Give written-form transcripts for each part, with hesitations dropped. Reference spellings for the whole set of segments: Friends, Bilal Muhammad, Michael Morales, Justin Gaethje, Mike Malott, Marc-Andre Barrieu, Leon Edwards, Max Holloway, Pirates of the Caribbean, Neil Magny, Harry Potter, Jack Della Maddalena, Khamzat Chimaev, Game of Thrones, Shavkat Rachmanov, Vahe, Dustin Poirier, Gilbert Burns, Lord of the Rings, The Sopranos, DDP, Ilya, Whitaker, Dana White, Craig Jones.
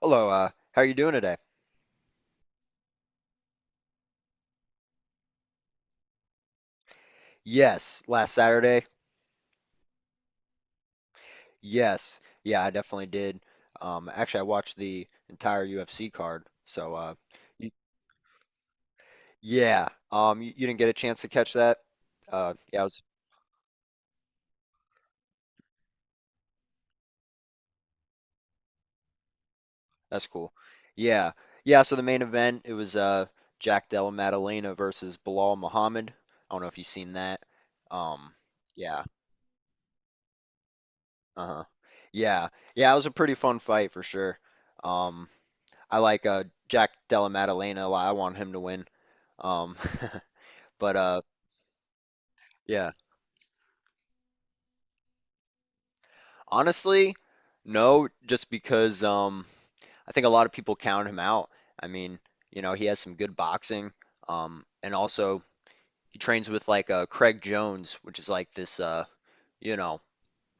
Hello, how are you doing today? Yes, last Saturday. Yes. Yeah, I definitely did. Actually, I watched the entire UFC card. So, y yeah. You didn't get a chance to catch that? Yeah, that's cool. Yeah. Yeah, so the main event, it was Jack Della Maddalena versus Bilal Muhammad. I don't know if you've seen that. Um, yeah. Uh-huh. Yeah. Yeah, it was a pretty fun fight for sure. Um, I like Jack Della Maddalena a lot. I want him to win. Um, but, yeah, honestly, no, just because I think a lot of people count him out. I mean, he has some good boxing, and also he trains with like Craig Jones, which is like this, you know,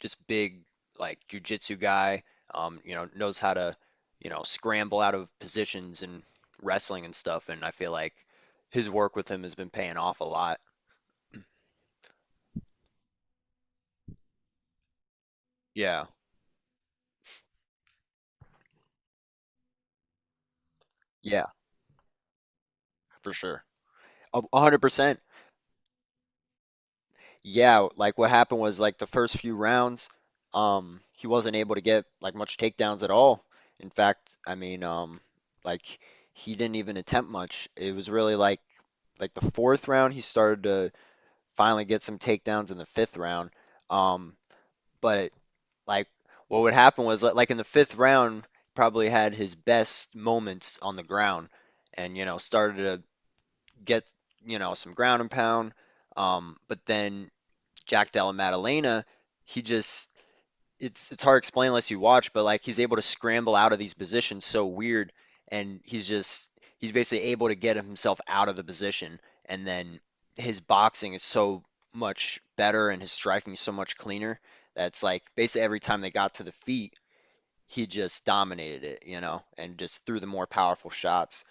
just big like jujitsu guy. Knows how to, scramble out of positions and wrestling and stuff. And I feel like his work with him has been paying off a lot. Yeah, yeah, for sure. A hundred percent. Yeah, like what happened was like the first few rounds, he wasn't able to get like much takedowns at all. In fact, I mean, like he didn't even attempt much. It was really like the fourth round he started to finally get some takedowns in the fifth round. Um, but like what would happen was like in the fifth round probably had his best moments on the ground, and started to get some ground and pound. But then Jack Della Maddalena, he just it's hard to explain unless you watch, but like he's able to scramble out of these positions so weird, and he's basically able to get himself out of the position, and then his boxing is so much better and his striking is so much cleaner. That's like basically every time they got to the feet, he just dominated it, and just threw the more powerful shots.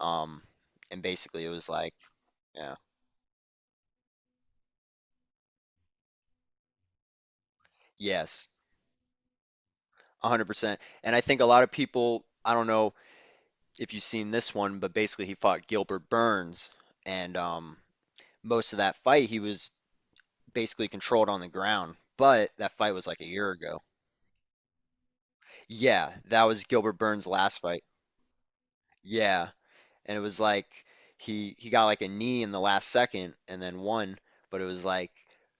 Um, and basically it was like, yeah, yes, 100%. And I think a lot of people, I don't know if you've seen this one, but basically he fought Gilbert Burns, and most of that fight he was basically controlled on the ground. But that fight was like a year ago. Yeah, that was Gilbert Burns' last fight. Yeah, and it was like he got like a knee in the last second and then won, but it was like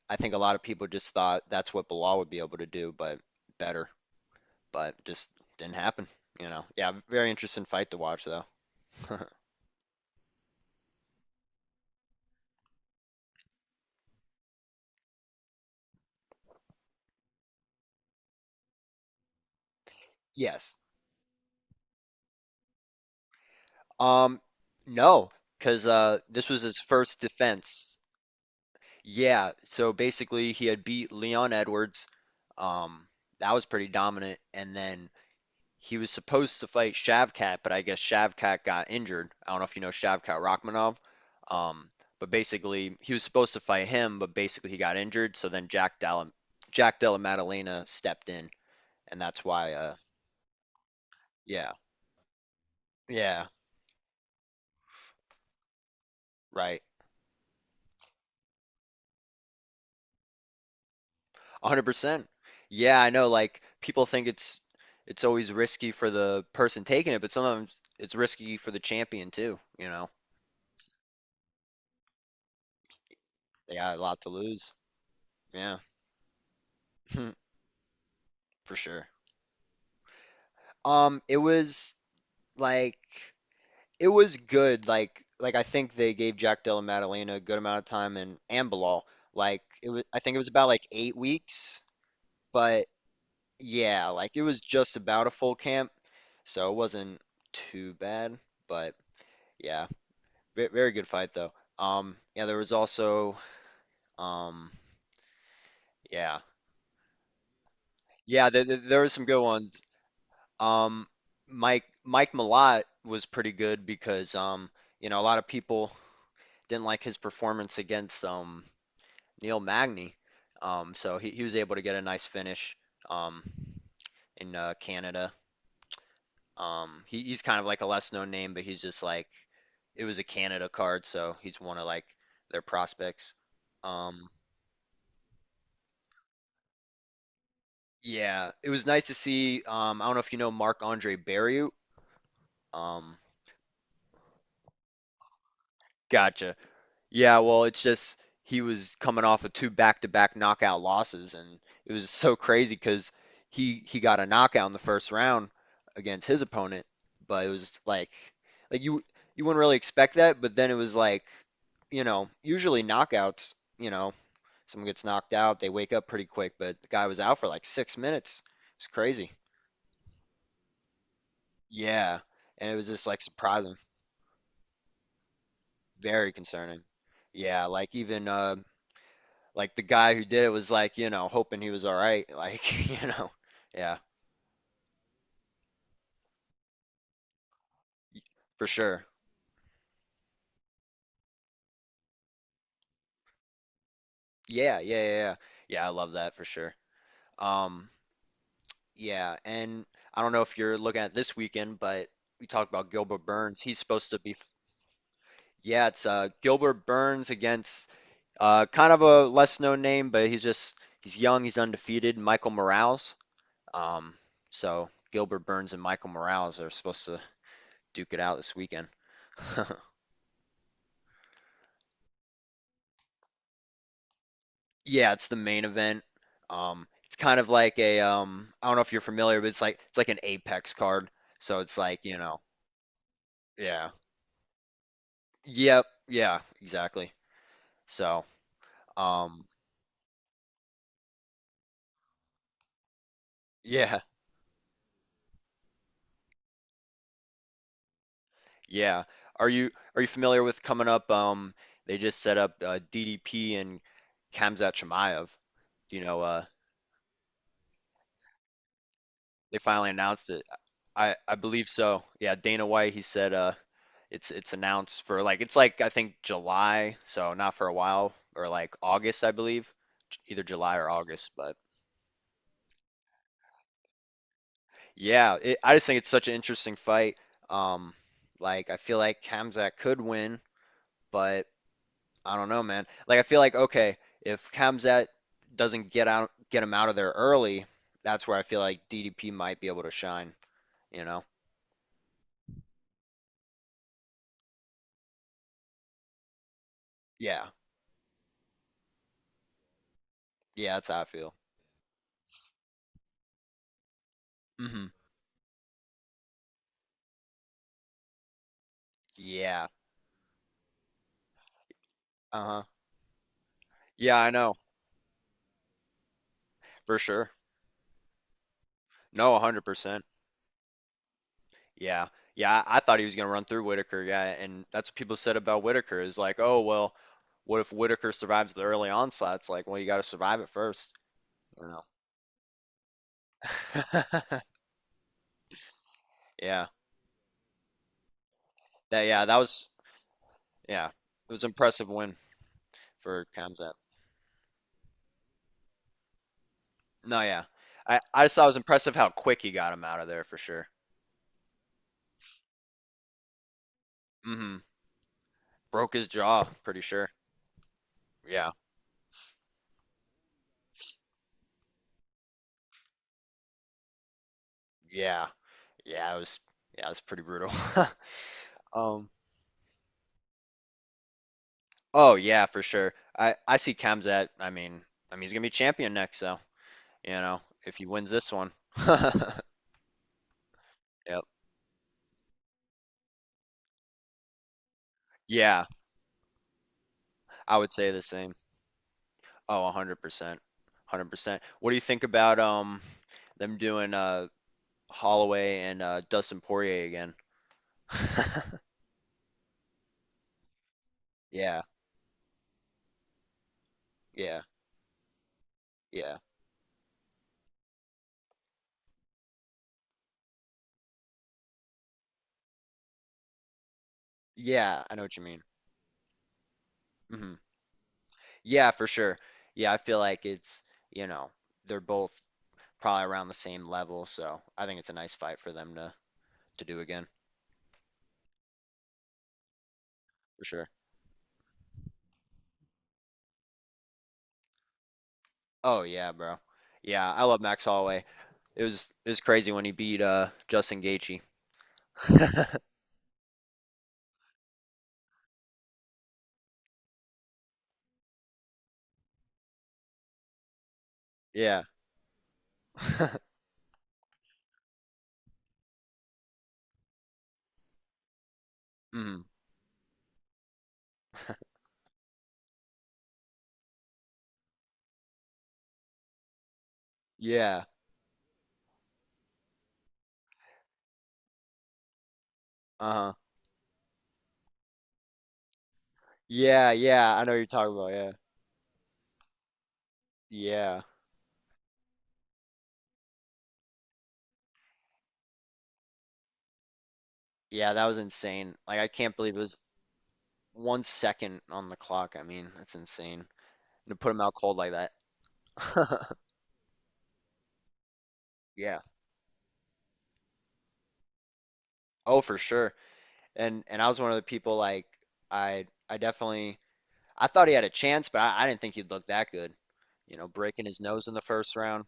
I think a lot of people just thought that's what Bilal would be able to do, but better, but just didn't happen, you know. Yeah, very interesting fight to watch though. Yes. Um, no, because this was his first defense. Yeah, so basically he had beat Leon Edwards. Um, that was pretty dominant, and then he was supposed to fight Shavkat, but I guess Shavkat got injured. I don't know if you know Shavkat Rachmanov. Um, but basically he was supposed to fight him, but basically he got injured. So then Jack Della Maddalena stepped in, and that's why. Yeah, yeah, right. 100%. Yeah, I know. Like people think it's always risky for the person taking it, but sometimes it's risky for the champion too, you know. They got a lot to lose. Yeah. For sure. It was like it was good. Like I think they gave Jack Della Maddalena a good amount of time and Bilal. Like it was I think it was about like 8 weeks, but yeah, like it was just about a full camp, so it wasn't too bad. But yeah. Very good fight though. Yeah, there was also, um, yeah, yeah, there were some good ones. Um, Mike Malott was pretty good because, a lot of people didn't like his performance against Neil Magny. So he was able to get a nice finish um in Canada. He's kind of like a less known name, but he's just like it was a Canada card, so he's one of like their prospects. Um, Yeah, it was nice to see. I don't know if you know Marc-Andre Barrieu. Um, Gotcha. Yeah, well, it's just he was coming off of two back-to-back knockout losses, and it was so crazy because he got a knockout in the first round against his opponent, but it was like like you you wouldn't really expect that, but then it was like you know usually knockouts, you know, someone gets knocked out, they wake up pretty quick, but the guy was out for like 6 minutes. It's crazy. Yeah, and it was just like surprising. Very concerning. Yeah, like even like the guy who did it was like, you know, hoping he was all right, like, you know. Yeah, for sure. Yeah, yeah, yeah, yeah. Yeah, I love that for sure. Um, yeah, and I don't know if you're looking at this weekend, but we talked about Gilbert Burns. He's supposed to be, yeah, it's Gilbert Burns against kind of a less known name, but he's young, he's undefeated, Michael Morales. Um, so Gilbert Burns and Michael Morales are supposed to duke it out this weekend. Yeah, it's the main event. It's kind of like a, I don't know if you're familiar, but it's like an Apex card. So it's like, you know, yeah. Yep, yeah, exactly. So, um, yeah, yeah. Are you familiar with coming up? They just set up DDP and Khamzat Chimaev. You know, they finally announced it. I believe so. Yeah, Dana White, he said it's announced for like it's like I think July, so not for a while or like August, I believe, either July or August, but yeah, I just think it's such an interesting fight. Um like I feel like Khamzat could win, but I don't know, man. Like I feel like, okay, if Khamzat doesn't get out get him out of there early, that's where I feel like DDP might be able to shine, you know? Yeah. Yeah, that's how I feel. Mhm. Yeah. Uh-huh. Yeah, I know, for sure. No, 100%. Yeah. Yeah, I thought he was going to run through Whitaker. Yeah, and that's what people said about Whitaker is like, "Oh, well, what if Whitaker survives the early onslaught?" It's like, "Well, you got to survive it first. I don't know." Yeah. That Yeah, that was yeah. It was impressive win for Kamzat. No, yeah. I just thought it was impressive how quick he got him out of there for sure. hmm Broke his jaw, pretty sure. Yeah. Yeah. Yeah, it was yeah, it was pretty brutal. Um Oh yeah, for sure. I see Kem's I mean, he's gonna be champion next, so you know if he wins this one. Yep. Yeah, I would say the same. Oh, 100%. 100%. What do you think about them doing Holloway and Dustin Poirier again? Yeah, yeah, yeah. Yeah, I know what you mean. Hmm. Yeah, for sure. Yeah, I feel like it's, you know, they're both probably around the same level, so I think it's a nice fight for them to do again. For sure. Oh yeah, bro. Yeah, I love Max Holloway. It was crazy when he beat Justin Gaethje. Yeah. Mm. Yeah. Uh-huh. Yeah, yeah. I know what you're talking about. Yeah. Yeah. Yeah, that was insane. Like I can't believe it was 1 second on the clock. I mean, that's insane. To put him out cold like that. Yeah. Oh, for sure. And I was one of the people like I I definitely I thought he had a chance, but I didn't think he'd look that good. You know, breaking his nose in the first round.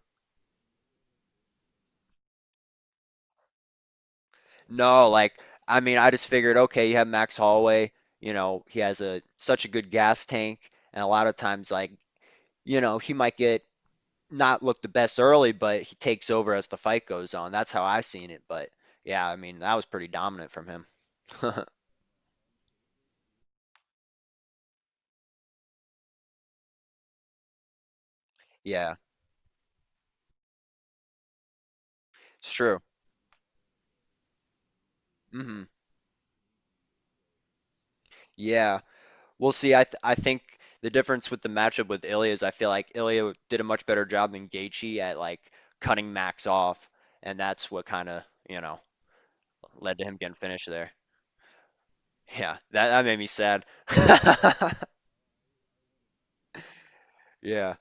No, like I mean, I just figured, okay, you have Max Holloway, you know, he has a such a good gas tank, and a lot of times, like, you know, he might get not look the best early, but he takes over as the fight goes on. That's how I seen it. But yeah, I mean, that was pretty dominant from him. Yeah, it's true. Hmm. Yeah, we'll see. I think the difference with the matchup with Ilya is I feel like Ilya did a much better job than Gaethje at like cutting Max off, and that's what kind of, you know, led to him getting finished there. Yeah, that made me sad. Yeah,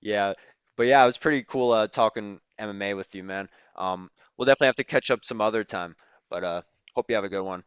yeah, but yeah, it was pretty cool talking MMA with you, man. Um, we'll definitely have to catch up some other time, but hope you have a good one.